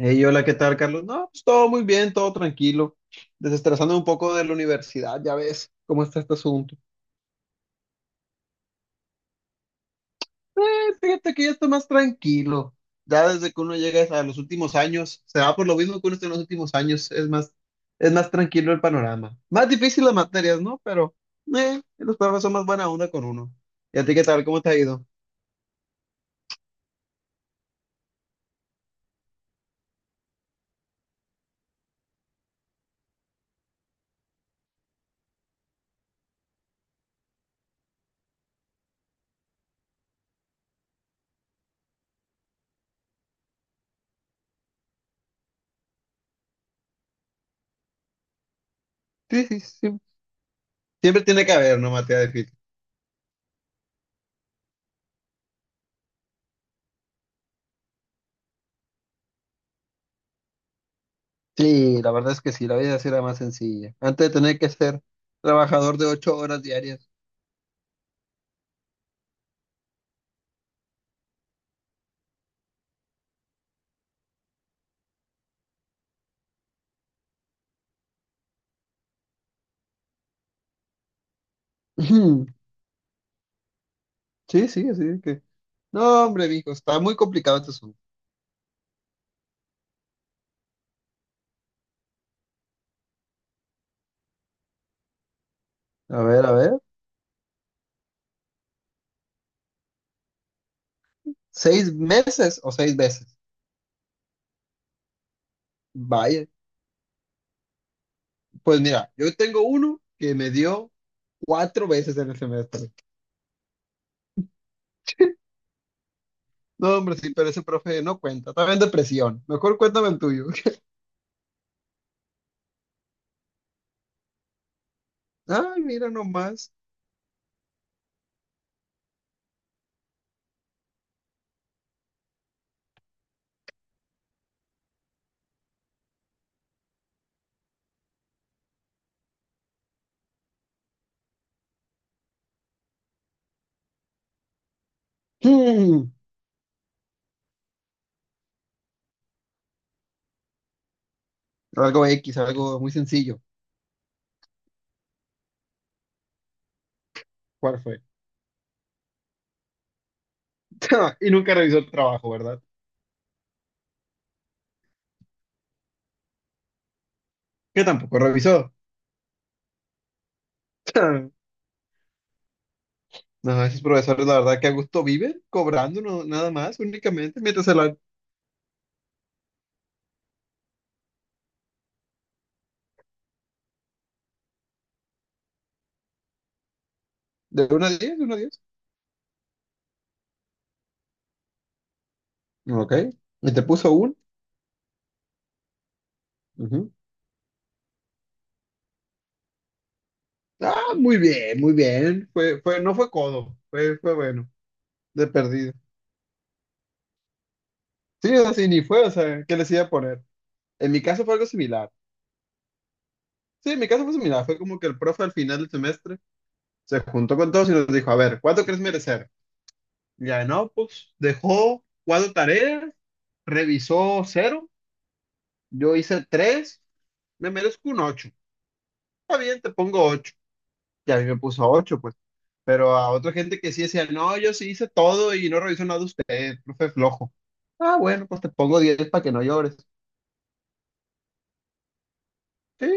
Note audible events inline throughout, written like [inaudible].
Hey, hola, ¿qué tal, Carlos? No, pues todo muy bien, todo tranquilo. Desestresando un poco de la universidad, ya ves cómo está este asunto. Eh, fíjate que ya está más tranquilo. Ya desde que uno llega a los últimos años, se va por lo mismo que uno está en los últimos años, es más tranquilo el panorama. Más difícil las materias, ¿no? Pero los profes son más buena onda con uno. ¿Y a ti qué tal? ¿Cómo te ha ido? Sí, sí, sí. Siempre tiene que haber, ¿no? Materia difícil. Sí, la verdad es que sí, la vida sí era más sencilla. Antes de tener que ser trabajador de ocho horas diarias. Ujú. [laughs] Sí, sí, así es que. No, hombre, mijo, está muy complicado este asunto. A ver, a ver. ¿Seis meses o seis veces? Vaya. Pues mira, yo tengo uno que me dio cuatro veces en el semestre. No, hombre, sí, pero ese profe no cuenta. Estaba en depresión. Mejor cuéntame el tuyo. [laughs] Ay, mira nomás. Hmm. Algo X, algo muy sencillo. ¿Cuál fue? [laughs] Y nunca revisó el trabajo, ¿verdad? Que tampoco revisó. [laughs] No, esos profesores, la verdad, que a gusto viven cobrando nada más, únicamente, mientras el, ¿de 1 a 10? ¿De 1 a 10? Ok. ¿Y te puso un? Ujú. Ah, muy bien, muy bien. Fue, no fue codo, fue bueno, de perdido. Sí, o sea, sí, ni fue, o sea, ¿qué les iba a poner? En mi caso fue algo similar. Sí, en mi caso fue similar. Fue como que el profe al final del semestre se juntó con todos y nos dijo, a ver, ¿cuánto crees merecer? Y ya, no, pues dejó cuatro tareas, revisó cero, yo hice tres, me merezco un ocho. Está bien, te pongo ocho. Y a mí me puso ocho, pues. Pero a otra gente que sí decía, no, yo sí hice todo y no reviso nada de usted, profe flojo. Ah, bueno, pues te pongo 10 para que no llores. Sí,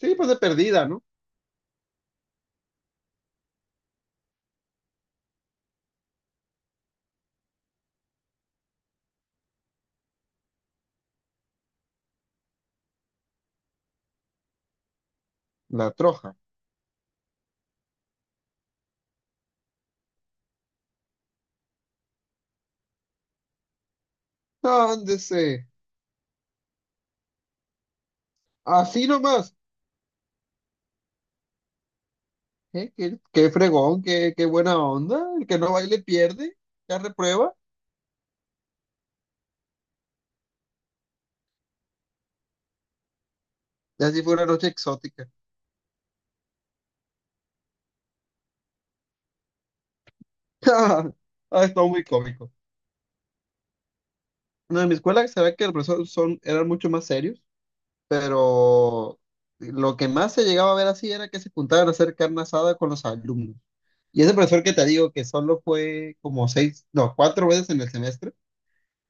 sí, pues de perdida, ¿no? La troja. Ándese, así nomás. ¿Eh? ¿Qué, qué fregón, qué, qué buena onda? El que no baile pierde, ya reprueba. Y así fue una noche exótica. [laughs] Ah, estuvo muy cómico. No, en mi escuela se ve que los profesores son, eran mucho más serios. Pero lo que más se llegaba a ver así era que se juntaban a hacer carne asada con los alumnos. Y ese profesor que te digo que solo fue como seis, no, cuatro veces en el semestre,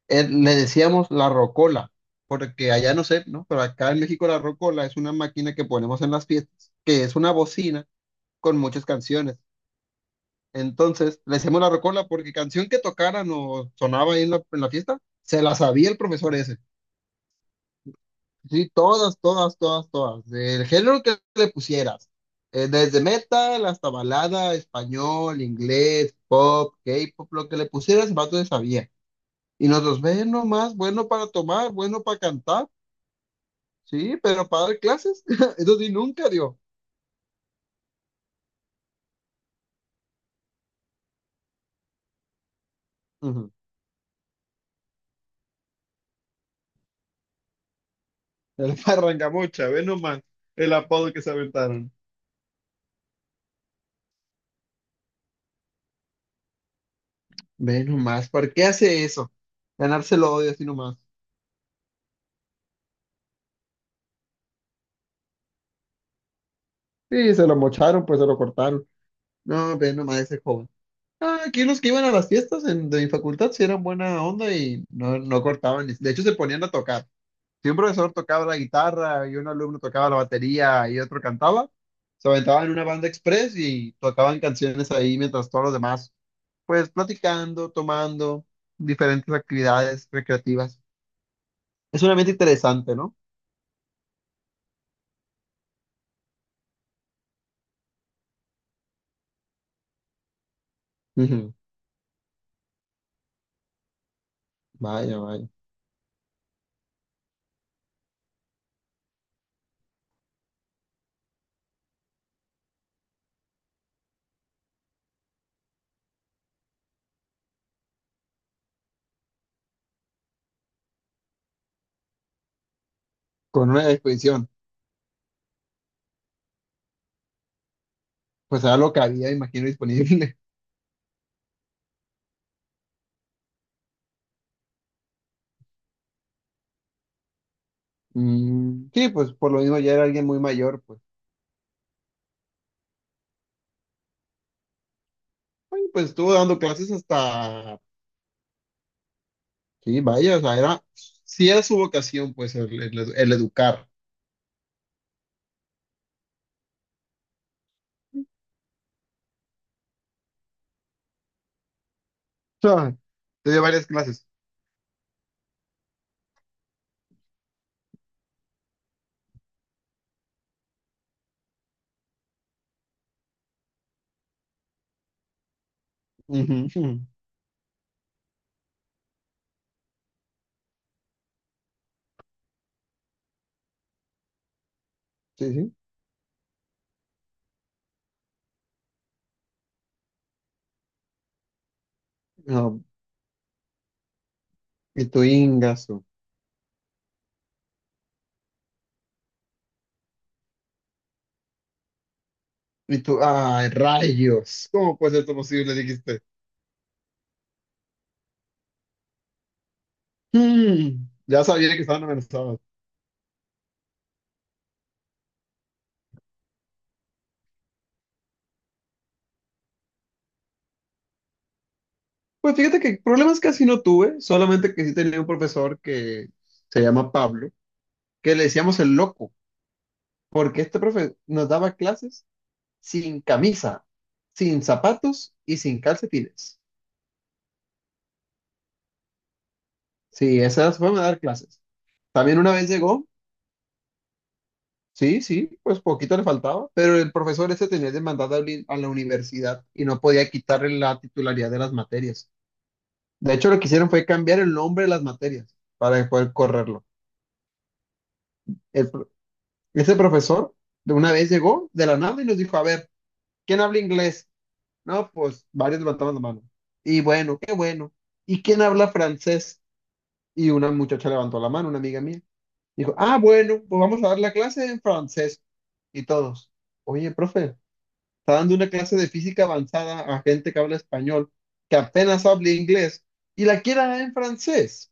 le decíamos la rocola, porque allá no sé, ¿no? Pero acá en México la rocola es una máquina que ponemos en las fiestas, que es una bocina con muchas canciones. Entonces, le decíamos la rocola porque canción que tocaran o sonaba ahí en la fiesta, se la sabía el profesor ese. Sí, todas, todas, todas, todas. Del género que le pusieras. Desde metal hasta balada, español, inglés, pop, K-pop, lo que le pusieras, el vato le sabía. Y nosotros, ve nomás, bueno para tomar, bueno para cantar. Sí, pero para dar clases, [laughs] eso sí nunca dio. Ujú. El parrangamucha, ve nomás el apodo que se aventaron. Ve nomás, ¿por qué hace eso? Ganárselo odio así nomás. Sí, se lo mocharon, pues se lo cortaron. No, ve nomás ese joven. Ah, aquí los que iban a las fiestas de mi facultad sí eran buena onda y no, no cortaban. De hecho, se ponían a tocar. Si un profesor tocaba la guitarra y un alumno tocaba la batería y otro cantaba, se aventaban una banda express y tocaban canciones ahí mientras todos los demás, pues platicando, tomando diferentes actividades recreativas. Es un ambiente interesante, ¿no? Ujú. Vaya, vaya. Con una disposición. Pues era lo que había, imagino, disponible. [laughs] Mm, sí, pues por lo mismo ya era alguien muy mayor, pues. Ay, pues estuvo dando clases hasta, sí, vaya, o sea, era, sí era su vocación, pues, el, el educar. O sea, te dio varias clases. Ujú, ujú. Sí, sí. No, y tu ingazo. Y tú, ay, rayos. ¿Cómo puede ser esto posible? Dijiste. Mm, ya sabía que estaban amenazados. Pues fíjate que problemas casi no tuve, solamente que sí tenía un profesor que se llama Pablo, que le decíamos el loco, porque este profe nos daba clases sin camisa, sin zapatos y sin calcetines. Sí, esas fueron a dar clases. También una vez llegó, sí, sí, pues poquito le faltaba, pero el profesor ese tenía demandada a a la universidad y no podía quitarle la titularidad de las materias. De hecho, lo que hicieron fue cambiar el nombre de las materias para poder correrlo. El pro- ese profesor de una vez llegó de la nada y nos dijo, a ver, ¿quién habla inglés? No, pues varios levantaban la mano. Y bueno, qué bueno. ¿Y quién habla francés? Y una muchacha levantó la mano, una amiga mía. Dijo, ah, bueno, pues vamos a dar la clase en francés. Y todos, oye, profe, está dando una clase de física avanzada a gente que habla español, que apenas habla inglés, y la quiere dar en francés.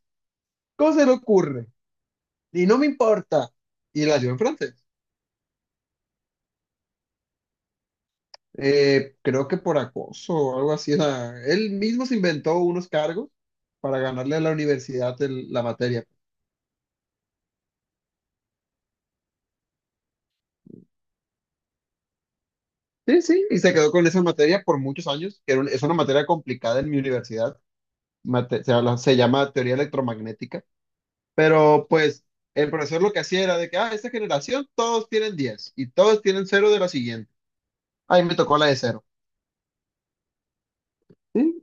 ¿Cómo se le ocurre? Y no me importa. Y la dio en francés. Creo que por acoso o algo así. O sea, él mismo se inventó unos cargos para ganarle a la universidad la materia. Sí, sí, y se quedó con esa materia por muchos años, que era es una materia complicada en mi universidad, se llama teoría electromagnética, pero pues el profesor lo que hacía era de que, ah, esta generación todos tienen 10 y todos tienen cero de la siguiente. Ahí me tocó la de cero. Sí,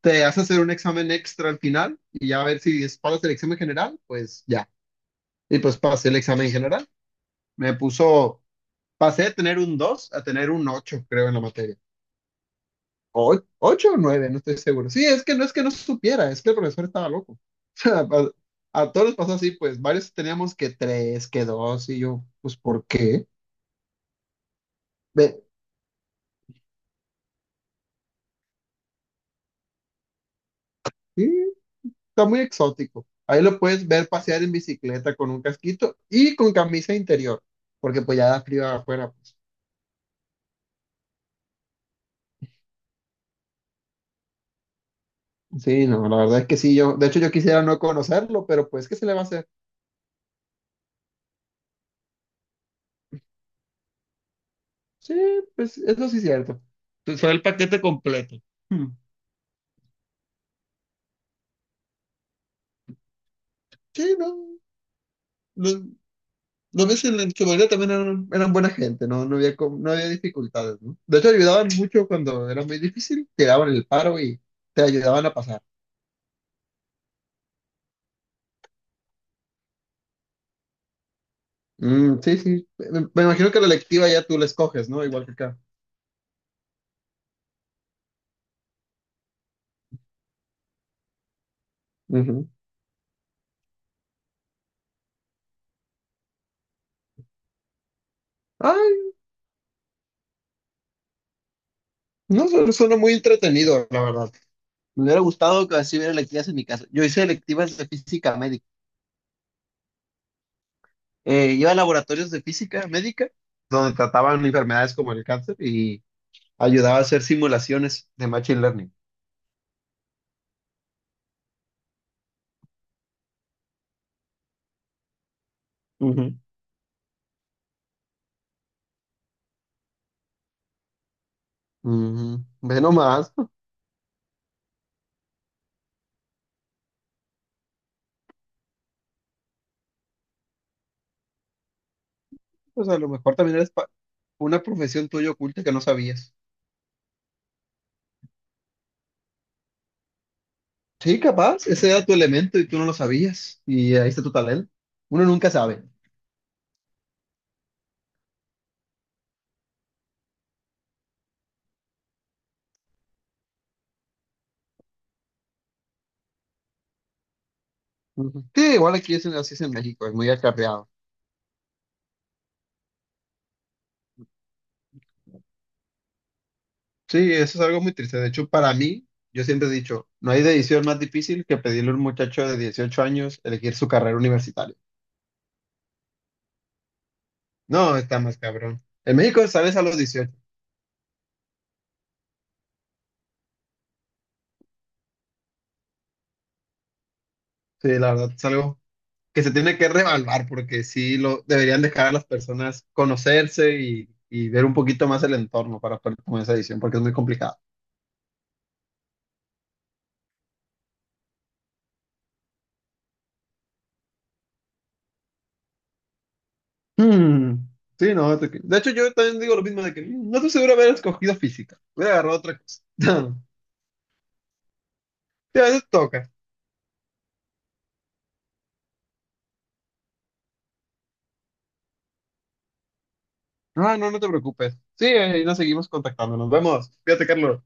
te hace hacer un examen extra al final y ya a ver si pasas el examen general, pues ya. Y pues pasé el examen general. Me puso, pasé de tener un 2 a tener un 8, creo, en la materia. Ocho o nueve, no estoy seguro. Sí, es que no supiera, es que el profesor estaba loco. [laughs] O sea, a todos les pasó así, pues varios teníamos que tres, que dos, y yo, pues, ¿por qué? Ve, sí, está muy exótico. Ahí lo puedes ver pasear en bicicleta con un casquito y con camisa interior, porque pues ya da frío afuera, pues. Sí, no, la verdad es que sí, yo, de hecho yo quisiera no conocerlo, pero pues, ¿qué se le va a hacer? Sí, pues eso sí es cierto. Fue el paquete completo. Hmm. Sí, no. No, los meses en su mayoría también eran, eran buena gente, no, no había, no había dificultades, ¿no? De hecho, ayudaban mucho cuando era muy difícil, te daban el paro y te ayudaban a pasar. Mm, sí, sí. Me imagino que la electiva ya tú la escoges, ¿no? Igual que acá. Ujú. Ay, no, suena muy entretenido, la verdad. Me hubiera gustado que así hubiera electivas en mi caso. Yo hice electivas de física médica. Iba a laboratorios de física médica, donde trataban enfermedades como el cáncer y ayudaba a hacer simulaciones de machine learning. Ujú. Ujú. Ve nomás. Pues a lo mejor también eres una profesión tuya oculta que no sabías. Sí, capaz, ese era tu elemento y tú no lo sabías. Y ahí está tu talento. Uno nunca sabe. Ujú. Sí, igual aquí es, así es en México, es muy acarreado. Sí, eso es algo muy triste. De hecho, para mí, yo siempre he dicho, no hay decisión más difícil que pedirle a un muchacho de 18 años elegir su carrera universitaria. No, está más cabrón. En México sales a los dieciocho. Sí, la verdad, es algo que se tiene que revaluar porque sí lo deberían dejar a las personas conocerse y ver un poquito más el entorno para poder tomar esa decisión porque es muy complicado. Mm, sí, no, de hecho yo también digo lo mismo de que no estoy seguro de haber escogido física, hubiera agarrado otra cosa. [laughs] Sí, a veces toca. Ah, no, no te preocupes. Sí, ahí nos seguimos contactando, nos vemos. Fíjate, Carlos.